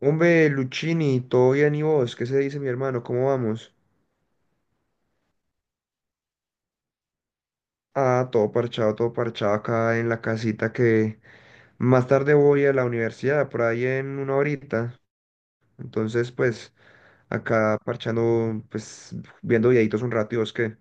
Hombre, Luchini, ¿todo bien y vos? ¿Qué se dice, mi hermano? ¿Cómo vamos? Ah, todo parchado acá en la casita que más tarde voy a la universidad, por ahí en una horita. Entonces, pues, acá parchando, pues, viendo videitos un rato, y vos qué.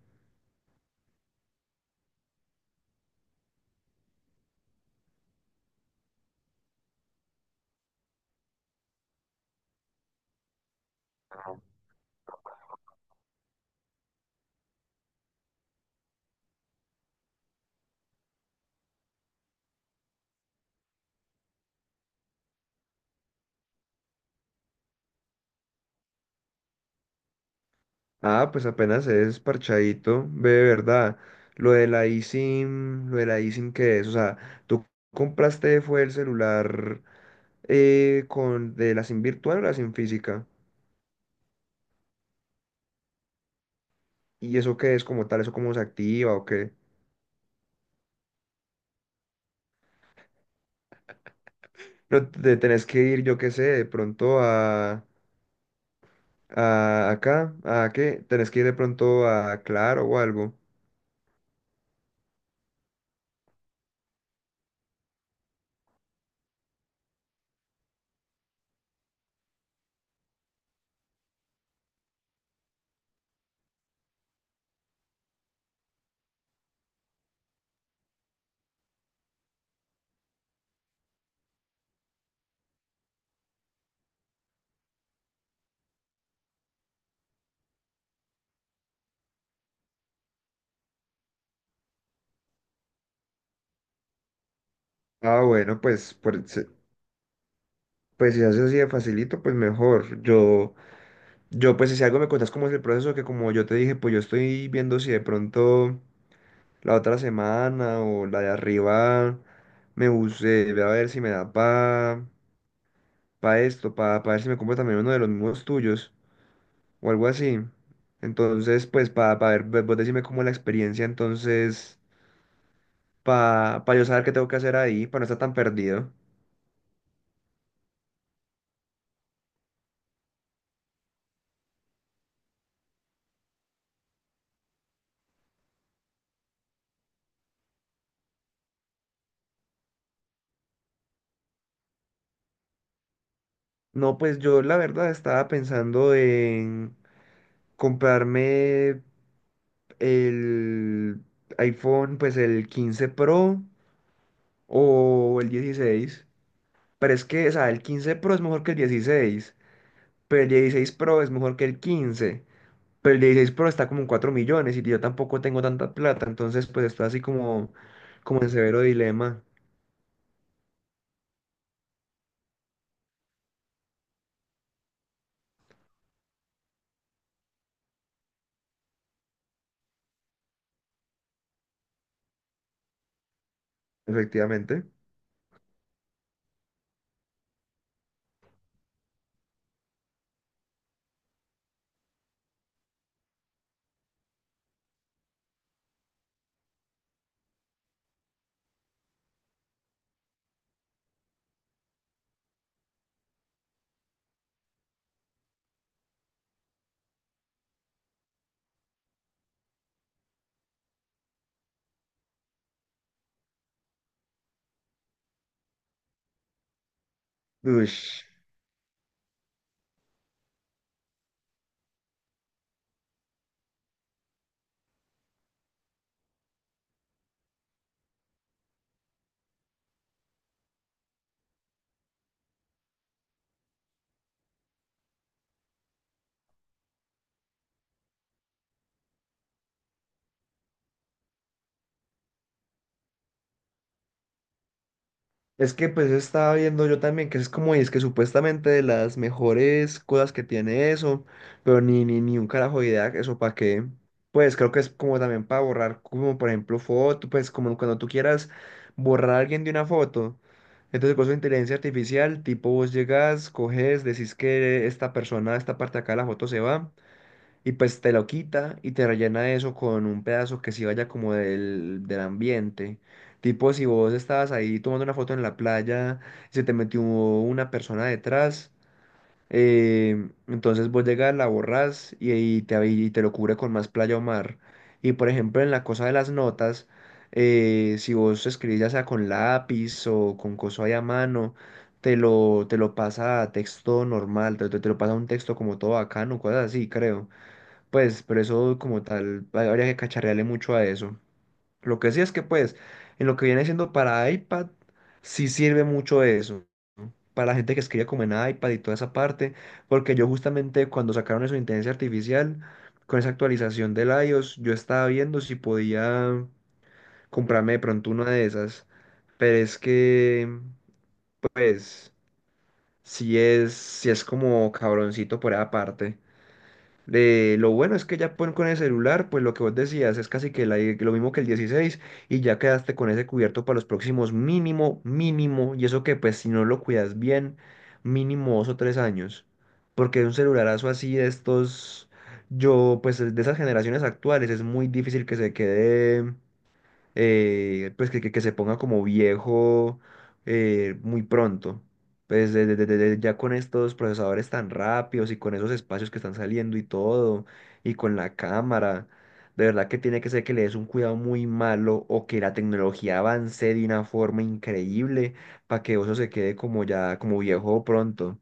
Ah, pues apenas es parchadito, ve, de verdad. Lo de la eSIM, lo de la eSIM, que es? O sea, ¿tú compraste fue el celular con, de la SIM virtual o la SIM física? ¿Y eso qué es como tal? ¿Eso cómo se activa o qué? Pero te tenés que ir, yo qué sé, de pronto a acá, ¿a qué? Tenés que ir de pronto a Claro o algo. Ah, bueno, pues, pues, si haces así de facilito, pues mejor. Yo, pues si algo me contás cómo es el proceso, que como yo te dije, pues yo estoy viendo si de pronto la otra semana o la de arriba me busé voy a ver si me da pa, pa esto, pa, pa ver si me compro también uno de los mismos tuyos, o algo así. Entonces, pues para ver, vos decime cómo la experiencia, entonces, para yo saber qué tengo que hacer ahí, para no estar tan perdido. No, pues yo la verdad estaba pensando en comprarme el iPhone, pues el 15 Pro o el 16. Pero es que, o sea, el 15 Pro es mejor que el 16, pero el 16 Pro es mejor que el 15. Pero el 16 Pro está como en 4 millones y yo tampoco tengo tanta plata, entonces pues está así como, como en severo dilema, efectivamente. Uy. Es que pues estaba viendo yo también que es como, y es que supuestamente de las mejores cosas que tiene eso, pero ni un carajo de idea, eso para qué. Pues creo que es como también para borrar, como por ejemplo foto, pues como cuando tú quieras borrar a alguien de una foto. Entonces con su inteligencia artificial, tipo vos llegas, coges, decís que esta persona, esta parte de acá de la foto se va. Y pues te lo quita y te rellena eso con un pedazo que sí vaya como del ambiente. Tipo, si vos estabas ahí tomando una foto en la playa y se te metió una persona detrás, entonces vos llegas, la borrás y te, y te lo cubre con más playa o mar. Y por ejemplo, en la cosa de las notas, si vos escribís ya sea con lápiz o con coso ahí a mano, te lo pasa a texto normal, te te lo pasa a un texto como todo bacano, cosas así, creo. Pues, pero eso como tal, habría que cacharrearle mucho a eso. Lo que sí es que, pues, en lo que viene siendo para iPad, sí sirve mucho eso. ¿No? Para la gente que escribe como en iPad y toda esa parte, porque yo justamente cuando sacaron eso de inteligencia artificial, con esa actualización del iOS, yo estaba viendo si podía comprarme de pronto una de esas. Pero es que, pues, si es como cabroncito por esa parte. Lo bueno es que ya con el celular, pues lo que vos decías es casi que lo mismo que el dieciséis, y ya quedaste con ese cubierto para los próximos mínimo, mínimo, y eso que pues si no lo cuidas bien, mínimo dos o tres años, porque un celularazo así de estos, yo pues de esas generaciones actuales es muy difícil que se quede pues que se ponga como viejo muy pronto. Pues ya con estos procesadores tan rápidos y con esos espacios que están saliendo y todo, y con la cámara, de verdad que tiene que ser que le des un cuidado muy malo o que la tecnología avance de una forma increíble para que eso se quede como ya, como viejo pronto.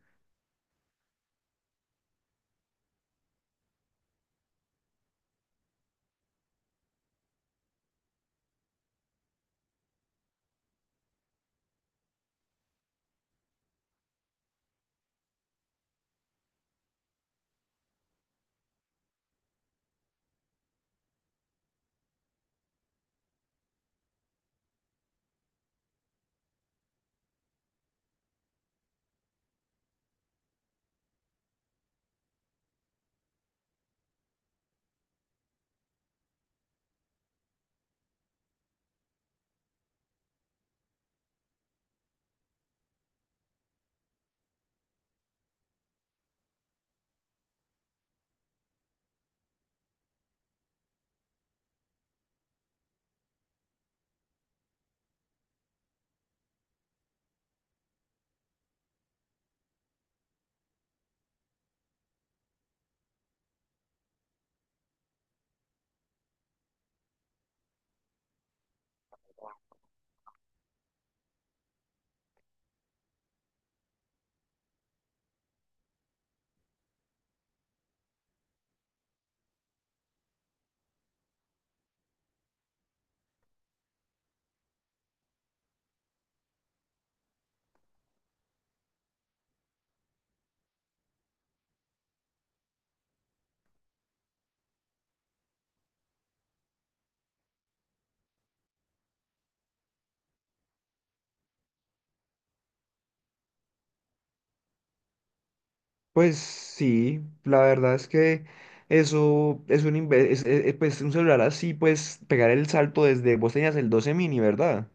Pues sí, la verdad es que eso es un, pues, un celular así, pues pegar el salto desde, vos tenías el 12 mini, ¿verdad?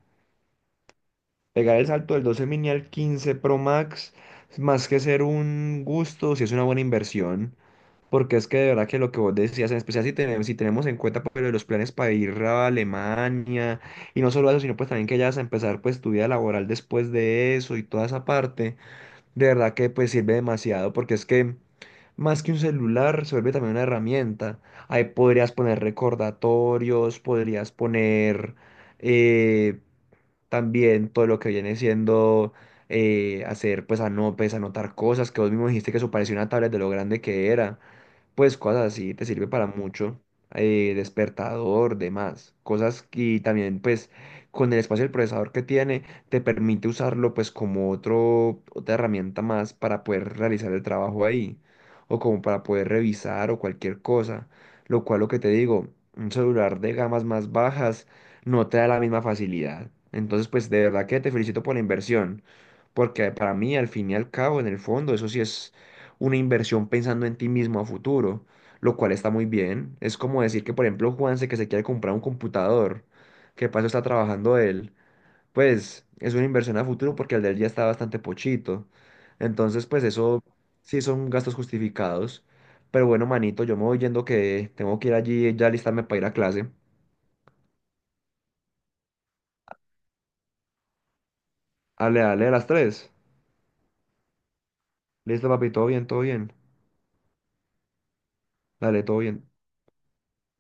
Pegar el salto del 12 mini al 15 Pro Max, más que ser un gusto, sí es una buena inversión, porque es que de verdad que lo que vos decías, en especial si tenemos en cuenta pues, lo de los planes para ir a Alemania, y no solo eso, sino pues también que ya vas a empezar pues tu vida laboral después de eso y toda esa parte. De verdad que pues sirve demasiado porque es que más que un celular se vuelve también una herramienta. Ahí podrías poner recordatorios, podrías poner eh, también todo lo que viene siendo hacer pues pues, anotar cosas que vos mismo dijiste que eso parecía una tablet de lo grande que era, pues cosas así, te sirve para mucho, despertador, demás, cosas que y también pues con el espacio del procesador que tiene, te permite usarlo pues como otro, otra herramienta más para poder realizar el trabajo ahí, o como para poder revisar o cualquier cosa, lo cual lo que te digo, un celular de gamas más bajas no te da la misma facilidad. Entonces, pues de verdad que te felicito por la inversión, porque para mí, al fin y al cabo, en el fondo, eso sí es una inversión pensando en ti mismo a futuro, lo cual está muy bien. Es como decir que, por ejemplo, Juanse que se quiere comprar un computador, que paso está trabajando él, pues es una inversión a futuro porque el de él ya está bastante pochito. Entonces, pues eso sí son gastos justificados. Pero bueno, manito, yo me voy yendo que tengo que ir allí ya listarme para ir a clase. Dale, dale, a las tres. Listo, papi, todo bien, todo bien. Dale, todo bien.